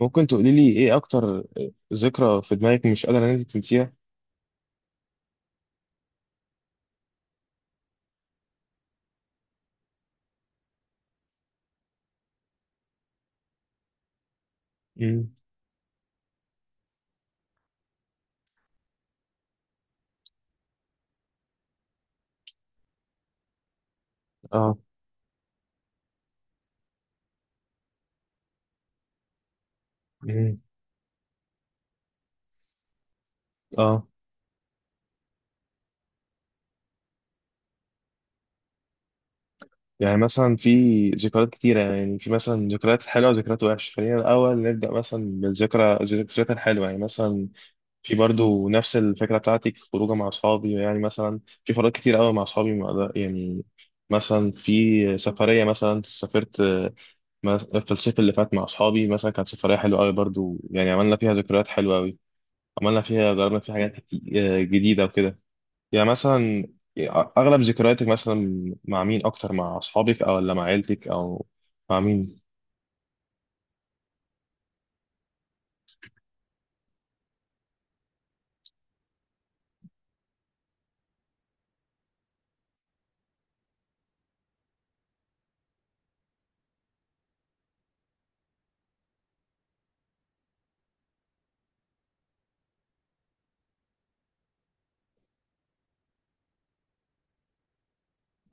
ممكن تقولي لي ايه اكتر ذكرى في دماغك مش قادرة ان انت تنسيها؟ امم. اه. امم. اه. يعني مثلا في ذكريات كتيرة، يعني في مثلا ذكريات حلوة وذكريات وحشة. خلينا الأول نبدأ مثلا الذكريات الحلوة، يعني مثلا في برضو نفس الفكرة بتاعتك، خروجة مع أصحابي، يعني مثلا في خروجات كتير قوي مع أصحابي، ما أقدر- يعني مثلا في سفرية، مثلا سافرت في الصيف اللي فات مع أصحابي، مثلا كانت سفرية حلوة قوي برضو، يعني عملنا فيها ذكريات حلوة قوي، عملنا فيها جربنا فيها حاجات جديدة وكده، يعني مثلا. أغلب ذكرياتك مثلا مع مين أكتر، مع أصحابك أو ولا مع عيلتك أو مع مين؟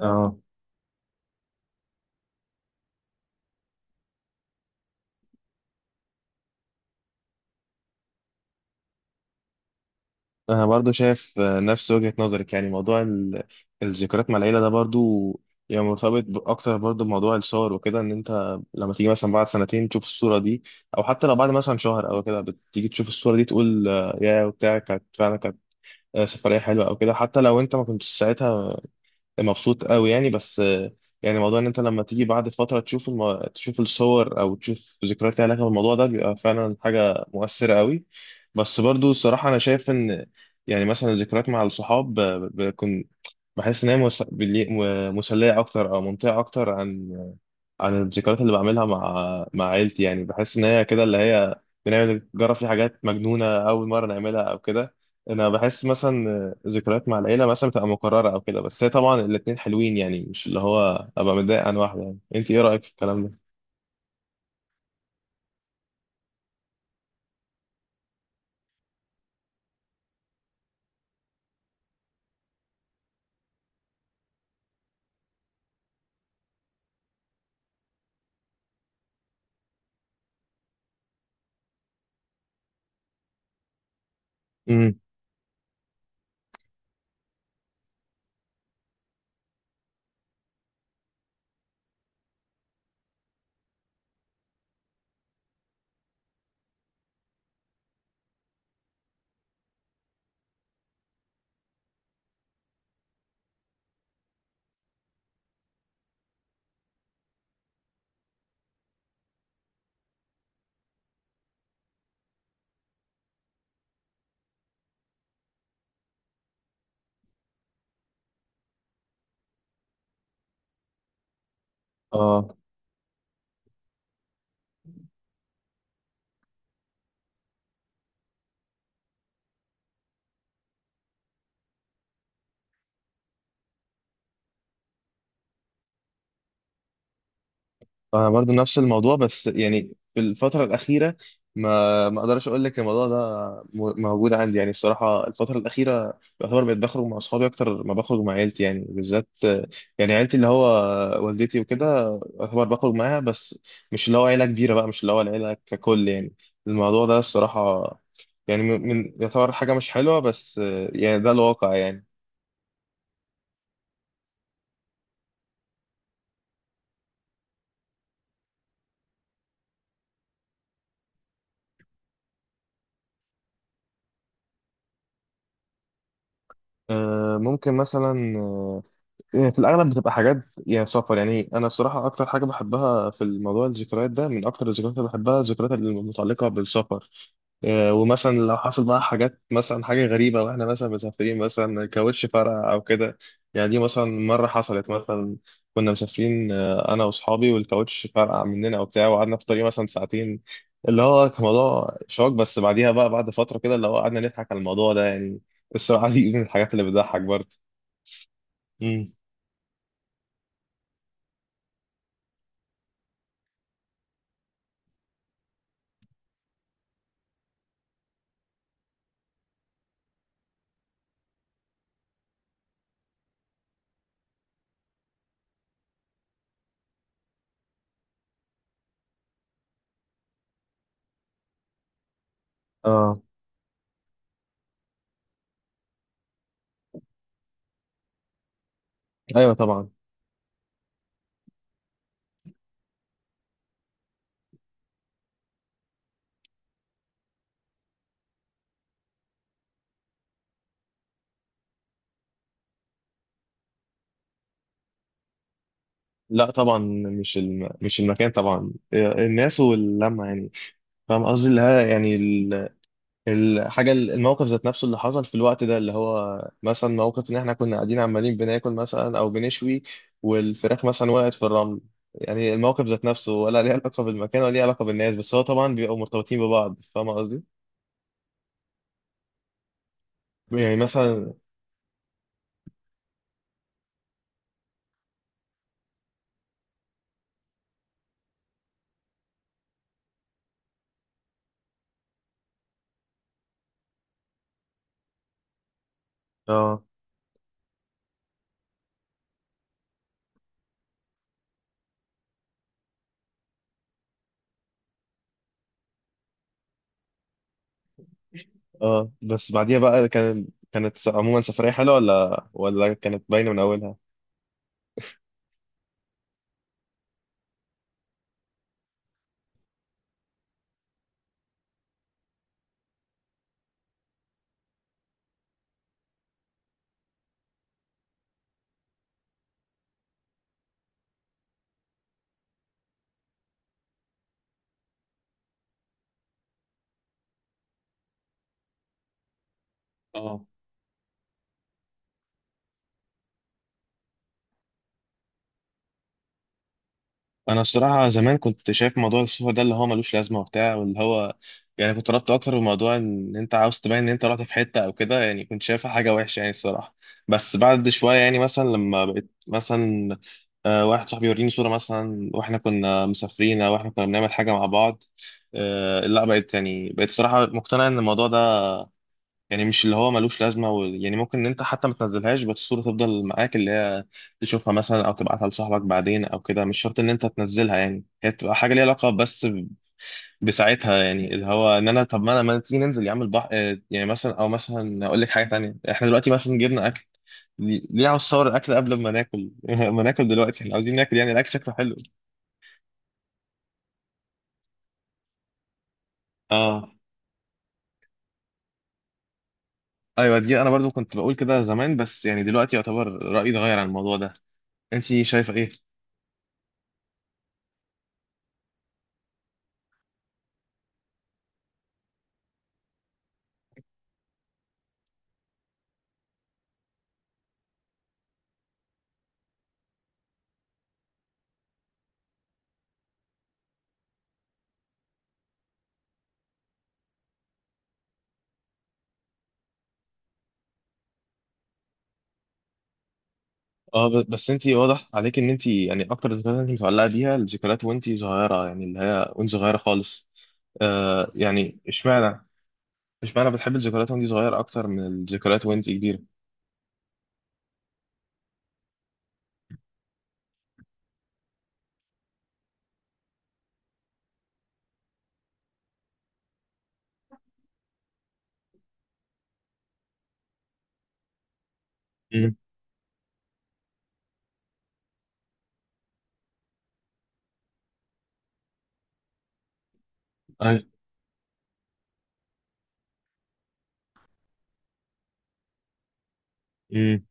آه. أنا برضو شايف نفس وجهة نظرك، يعني موضوع الذكريات مع العيلة ده برضو، يعني مرتبط أكتر برضو بموضوع الصور وكده، إن أنت لما تيجي مثلا بعد سنتين تشوف الصورة دي، أو حتى لو بعد مثلا شهر أو كده بتيجي تشوف الصورة دي، تقول يا وبتاع كانت فعلا، كانت سفرية حلوة أو كده، حتى لو أنت ما كنتش ساعتها مبسوط قوي يعني، بس يعني موضوع ان انت لما تيجي بعد فتره تشوف تشوف الصور او تشوف ذكريات ليها علاقه بالموضوع ده بيبقى فعلا حاجه مؤثره قوي. بس برضو الصراحه انا شايف ان يعني مثلا الذكريات مع الصحاب ب- ب- بكون بحس ان هي مسليه اكتر او ممتعه اكتر عن الذكريات اللي بعملها مع عيلتي، يعني بحس ان هي كده اللي هي نجرب في حاجات مجنونه اول مره نعملها او كده. انا بحس مثلا ذكريات مع العيله مثلا بتبقى مكرره او كده، بس هي طبعا الاتنين حلوين يعني، مش اللي هو ابقى متضايق عن واحده. يعني انت ايه رايك في الكلام ده؟ امم. اه. انا برضو نفس الموضوع، بس يعني في الفتره الاخيره ما اقدرش اقول لك الموضوع ده موجود عندي، يعني الصراحه الفتره الاخيره يعتبر بقيت بخرج مع اصحابي اكتر ما بخرج مع عيلتي يعني بالذات، يعني عيلتي اللي هو والدتي وكده، يعتبر بخرج معاها بس، مش اللي هو عيله كبيره بقى، مش اللي هو العيله ككل يعني. الموضوع ده الصراحه يعني يعتبر حاجه مش حلوه، بس يعني ده الواقع يعني. أه، ممكن مثلا، يعني في الأغلب بتبقى حاجات، يعني سفر، يعني أنا الصراحة أكتر حاجة بحبها في الموضوع الذكريات ده، من أكتر الذكريات اللي بحبها الذكريات المتعلقة بالسفر، ومثلا لو حصل بقى حاجات، مثلا حاجة غريبة وإحنا مثلا مسافرين، مثلا كاوتش فرقع أو كده. يعني دي مثلا مرة حصلت، مثلا كنا مسافرين أنا وأصحابي والكاوتش فرقع مننا وبتاع، وقعدنا في الطريق مثلا ساعتين، اللي هو كان موضوع شوك، بس بعديها بقى بعد فترة كده اللي هو قعدنا نضحك على الموضوع ده يعني. الصراحة دي من الحاجات اللي بتضحك برضه. مم. اه. ايوه طبعا. لا طبعا، مش مش المكان طبعا، الناس واللمه يعني. فاهم قصدي؟ اللي هي يعني ال- الحاجه الموقف ذات نفسه اللي حصل في الوقت ده، اللي هو مثلا موقف ان احنا كنا قاعدين عمالين بناكل مثلا او بنشوي، والفراخ مثلا وقعت في الرمل. يعني الموقف ذات نفسه، ولا ليه علاقه بالمكان، ولا ليه علاقه بالناس؟ بس هو طبعا بيبقوا مرتبطين ببعض. فاهم قصدي؟ يعني مثلا. اه. اه. بس بعديها بقى كانت عموما سفريه حلوه، ولا كانت باينه من اولها؟ اه. انا الصراحه زمان كنت شايف موضوع السفر ده اللي هو ملوش لازمه وبتاع، واللي هو يعني كنت ربطت اكتر بموضوع ان انت عاوز تبين ان انت رحت في حته او كده، يعني كنت شايفها حاجه وحشه يعني الصراحه. بس بعد شويه يعني مثلا لما بقيت مثلا واحد صاحبي يوريني صوره مثلا واحنا كنا مسافرين او احنا كنا بنعمل حاجه مع بعض، لا بقيت يعني بقيت الصراحه مقتنع ان الموضوع ده يعني مش اللي هو ملوش لازمه يعني ممكن ان انت حتى ما تنزلهاش، بس الصوره تفضل معاك اللي هي تشوفها مثلا او تبعتها لصاحبك بعدين او كده، مش شرط ان انت تنزلها يعني. هي تبقى حاجه ليها علاقه بس بساعتها، يعني اللي هو ان انا، طب ما انا، ما تيجي ننزل يا عم البحر؟ يعني مثلا، او مثلا اقول لك حاجه تانية، احنا دلوقتي مثلا جبنا اكل، ليه عاوز تصور الاكل قبل ما ناكل؟ ما ناكل دلوقتي، احنا عاوزين ناكل، يعني الاكل شكله حلو. اه. ايوه، دي انا برضو كنت بقول كده زمان، بس يعني دلوقتي يعتبر رايي اتغير عن الموضوع ده. انت شايفه ايه؟ اه. بس انت واضح عليك ان انت يعني اكتر الذكريات انت متعلقه بيها الذكريات وانت صغيره، يعني اللي هي وانت صغيره خالص. يعني، اشمعنى بتحب الذكريات وانت صغيره اكتر من الذكريات وانت كبيره؟ امم. اي. امم.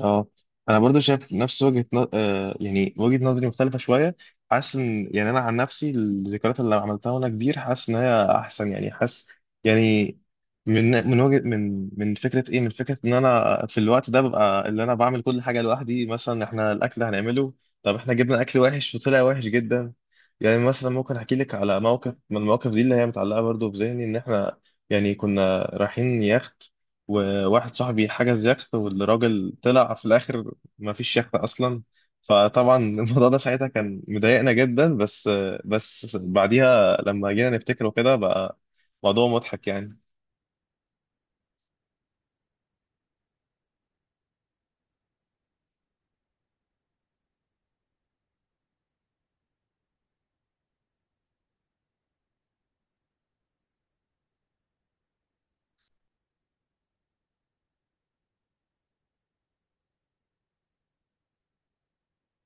اه. انا برضو شايف نفس وجهة ن... آه يعني وجهة نظري مختلفة شوية، حاسس ان يعني انا عن نفسي الذكريات اللي عملتها وانا كبير حاسس ان هي احسن يعني، حاسس يعني من من وجهة من من فكرة ايه من فكرة ان انا في الوقت ده ببقى اللي انا بعمل كل حاجة لوحدي، مثلا احنا الاكل هنعمله، طب احنا جبنا اكل وحش وطلع وحش جدا، يعني مثلا ممكن احكي لك على موقف من المواقف دي اللي هي متعلقة برضو في ذهني، ان احنا يعني كنا رايحين يخت، وواحد صاحبي حجز يخت والراجل طلع في الاخر ما فيش يخت اصلا، فطبعا الموضوع ده ساعتها كان مضايقنا جدا، بس بس بعديها لما جينا نفتكره كده بقى موضوع مضحك يعني.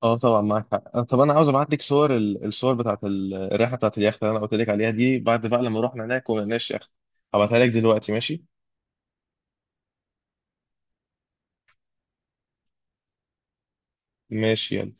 اه طبعا معاك حق. طب انا عاوز ابعت لك صور الصور بتاعت الرحله بتاعت اليخت اللي انا قلت لك عليها دي، بعد بقى لما رحنا هناك وما لقيناش يخت. هبعتها لك دلوقتي، ماشي؟ ماشي، يلا.